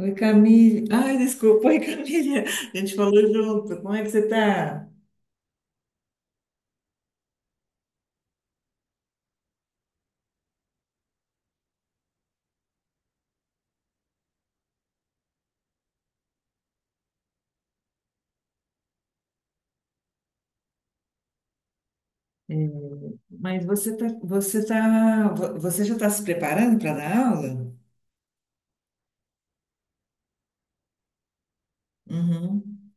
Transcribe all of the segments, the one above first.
Oi, Camille. Ai, desculpa, oi, Camille. A gente falou junto. Como é que você está? Mas você já está se preparando para dar aula? Uhum.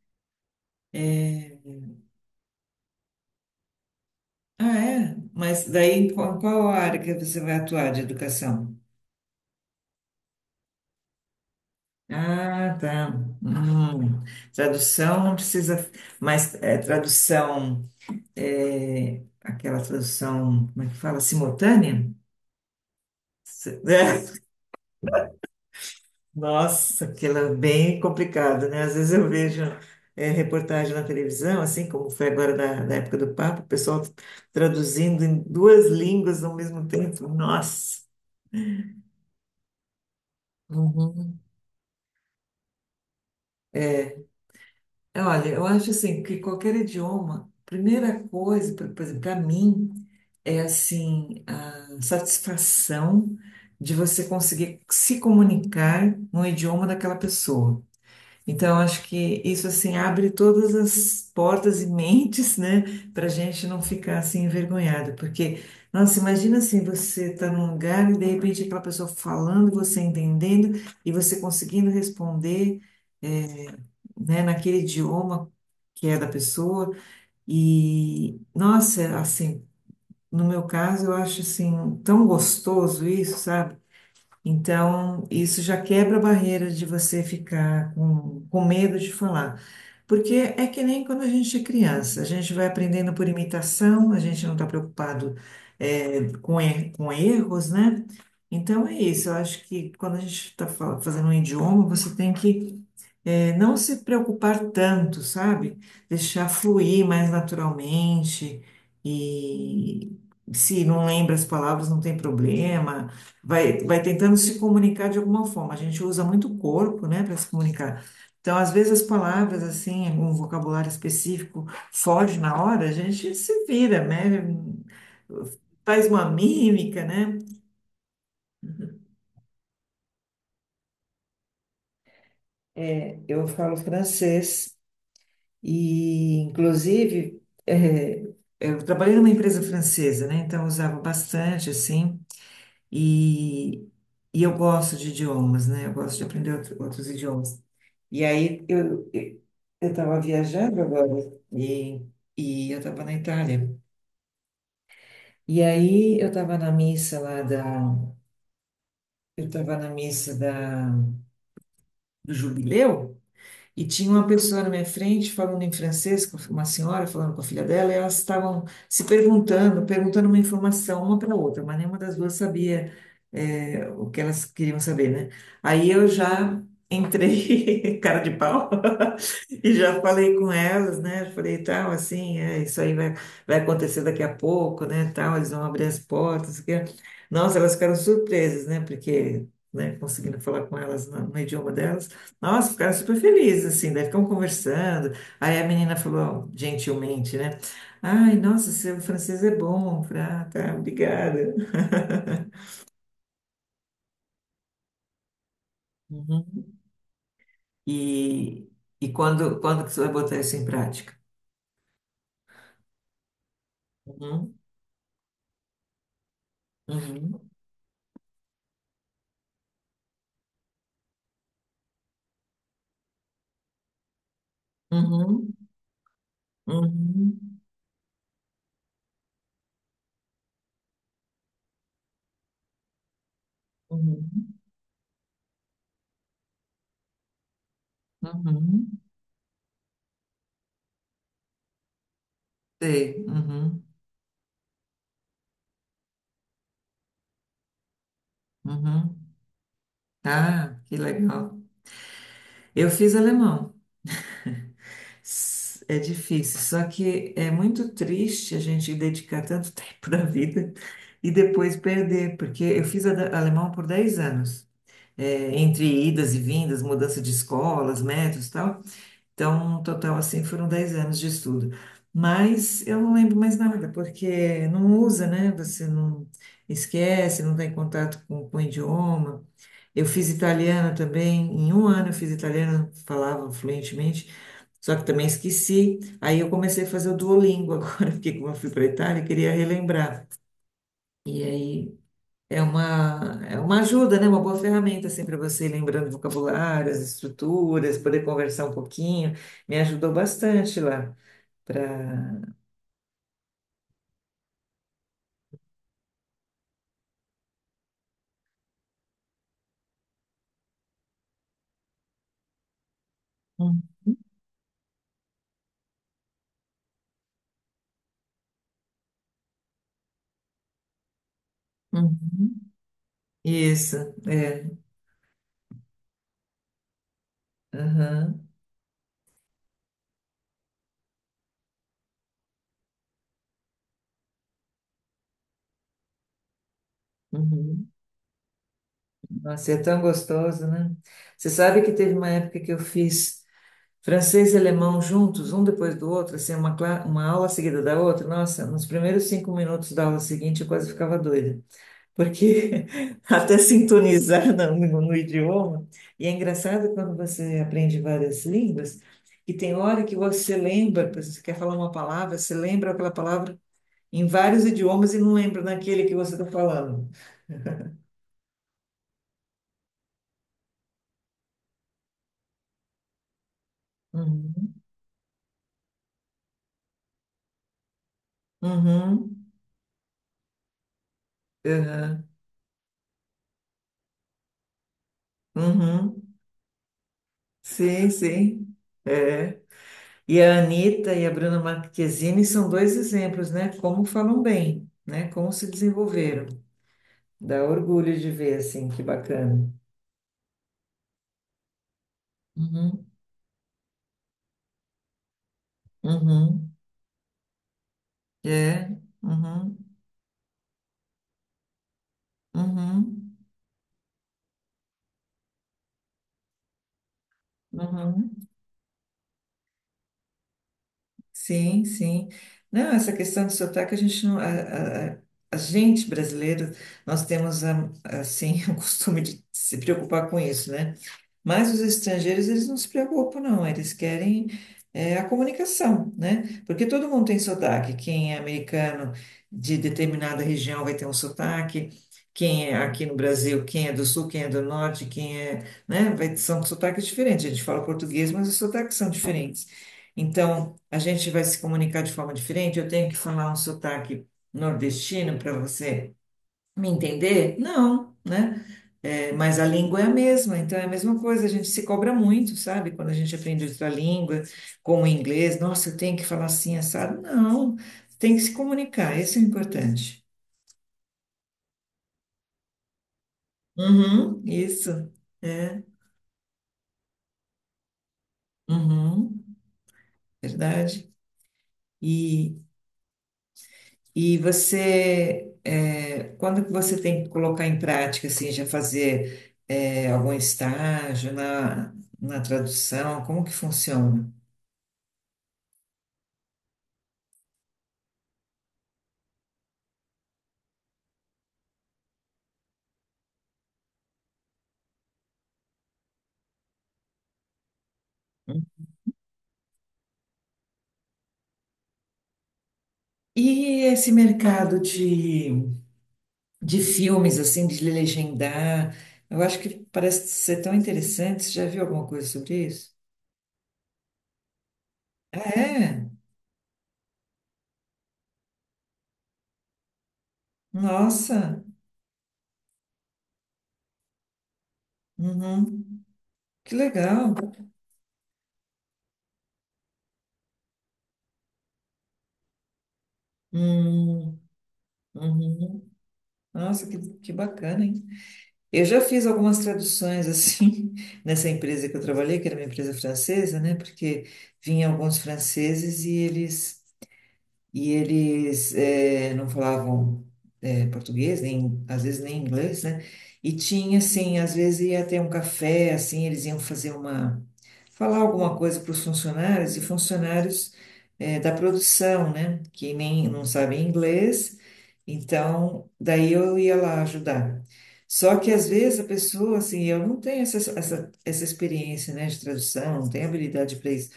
É, ah, é? Mas daí, em qual área que você vai atuar de educação? Ah, tá. Hum. Tradução não precisa, mas é, tradução, é, aquela tradução, como é que fala? Simultânea? Nossa, aquilo é bem complicado, né? Às vezes eu vejo reportagem na televisão, assim como foi agora na época do Papa, o pessoal traduzindo em duas línguas ao mesmo tempo. Nossa! Uhum. É, olha, eu acho assim que qualquer idioma, primeira coisa, por exemplo, para mim, é assim a satisfação de você conseguir se comunicar no idioma daquela pessoa. Então, acho que isso assim abre todas as portas e mentes, né, para a gente não ficar assim envergonhada, porque, nossa, imagina assim, você tá num lugar e de repente aquela pessoa falando, você entendendo e você conseguindo responder, eh, né, naquele idioma que é da pessoa. E, nossa, assim, no meu caso, eu acho assim tão gostoso isso, sabe? Então, isso já quebra a barreira de você ficar com medo de falar. Porque é que nem quando a gente é criança, a gente vai aprendendo por imitação, a gente não está preocupado, com erros, né? Então, é isso. Eu acho que quando a gente está fazendo um idioma, você tem que, não se preocupar tanto, sabe? Deixar fluir mais naturalmente e. Se não lembra as palavras, não tem problema vai, vai tentando se comunicar de alguma forma. A gente usa muito o corpo, né, para se comunicar. Então, às vezes, as palavras, assim, algum vocabulário específico foge na hora, a gente se vira, né? Faz uma mímica, né? É, eu falo francês e, inclusive, é, eu trabalhei numa empresa francesa, né? Então, eu usava bastante, assim. E, e eu gosto de idiomas, né? Eu gosto de aprender outros idiomas. E aí eu estava viajando agora e, e eu estava na Itália. E aí eu estava na missa da do jubileu. E tinha uma pessoa na minha frente falando em francês, com uma senhora falando com a filha dela, e elas estavam se perguntando uma informação uma para a outra, mas nenhuma das duas sabia, é, o que elas queriam saber, né? Aí eu já entrei, cara de pau, e já falei com elas, né? Falei, tal, assim, é, isso aí vai, acontecer daqui a pouco, né? Tal, eles vão abrir as portas. Que... Nossa, elas ficaram surpresas, né? Porque, né, conseguindo falar com elas no idioma delas. Nossa, ficaram super felizes, assim, daí ficam conversando. Aí a menina falou, gentilmente, né? Ai, nossa, seu francês é bom. Eu falei, ah, tá, obrigada. Uhum. E, e quando que você vai botar isso em prática? Uhum, uhum, uhum, uhum, uhum, uhum. Sei, uhum, uhum. Ah, que legal. Eu fiz alemão. S- É difícil, só que é muito triste a gente dedicar tanto tempo da vida e depois perder, porque eu fiz ada- alemão por 10 anos, é, entre idas e vindas, mudança de escolas, métodos e tal. Então, no total, assim, foram 10 anos de estudo. Mas eu não lembro mais nada, porque não usa, né? Você não esquece, não está em contato com o idioma. Eu fiz italiano também, em um ano eu fiz italiano, falava fluentemente. Só que também esqueci. Aí eu comecei a fazer o Duolingo agora, porque como eu fui para a Itália, eu queria relembrar. E aí é uma ajuda, né? Uma boa ferramenta assim para você ir lembrando vocabulários, estruturas, poder conversar um pouquinho. Me ajudou bastante lá para isso, é. Aham, uhum. Nossa, e é tão gostoso, né? Você sabe que teve uma época que eu fiz. Francês e alemão juntos, um depois do outro, assim, uma aula seguida da outra. Nossa, nos primeiros 5 minutos da aula seguinte eu quase ficava doida, porque até sintonizar no idioma. E é engraçado quando você aprende várias línguas, que tem hora que você lembra, por exemplo, você quer falar uma palavra, você lembra aquela palavra em vários idiomas e não lembra naquele que você está falando. Uhum, uhum, uhum, uhum. Sim, sim. É. E a Anitta e a Bruna Marquezine são dois exemplos, né? Como falam bem, né? Como se desenvolveram. Dá orgulho de ver, assim, que bacana. Uhum, uhum, é, uhum, uhum, uhum. Sim, sim. Não, essa questão do sotaque, a gente não... A gente brasileiro, nós temos, assim, o costume de se preocupar com isso, né? Mas os estrangeiros, eles não se preocupam, não. Eles querem é, a comunicação, né? Porque todo mundo tem sotaque. Quem é americano de determinada região vai ter um sotaque. Quem é aqui no Brasil, quem é do sul, quem é do norte, quem é, né? Vai, são sotaques diferentes. A gente fala português, mas os sotaques são diferentes. Então, a gente vai se comunicar de forma diferente. Eu tenho que falar um sotaque nordestino para você me entender? Não, né? É, mas a língua é a mesma, então é a mesma coisa, a gente se cobra muito, sabe? Quando a gente aprende outra língua, como o inglês, nossa, eu tenho que falar assim, assado. Não, tem que se comunicar, isso é importante. Uhum, isso, é, uhum, verdade. E, e você, é, quando que você tem que colocar em prática, assim, já fazer, é, algum estágio na tradução, como que funciona? E esse mercado de filmes, assim, de legendar, eu acho que parece ser tão interessante. Você já viu alguma coisa sobre isso? Ah, é? Nossa! Uhum. Que legal! Hum, uhum. Nossa, que bacana, hein? Eu já fiz algumas traduções, assim, nessa empresa que eu trabalhei, que era uma empresa francesa, né? Porque vinham alguns franceses e eles E eles não falavam português, nem, às vezes nem inglês, né? E tinha, assim, às vezes ia ter um café, assim, eles iam fazer uma... falar alguma coisa para os funcionários, e funcionários da produção, né? Que nem não sabem inglês, então daí eu ia lá ajudar. Só que às vezes a pessoa, assim, eu não tenho essa experiência, né, de tradução, não tenho habilidade para isso.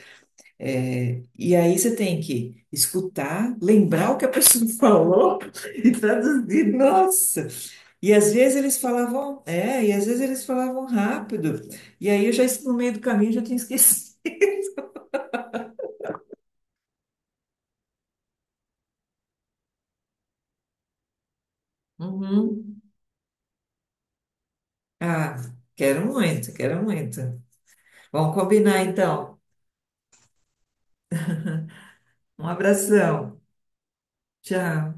É, e aí você tem que escutar, lembrar o que a pessoa falou e traduzir. Nossa! E às vezes eles falavam, é, e às vezes eles falavam rápido. E aí eu já, no meio do caminho, já tinha esquecido. Uhum. Ah, quero muito, quero muito. Vamos combinar então. Um abração. Tchau.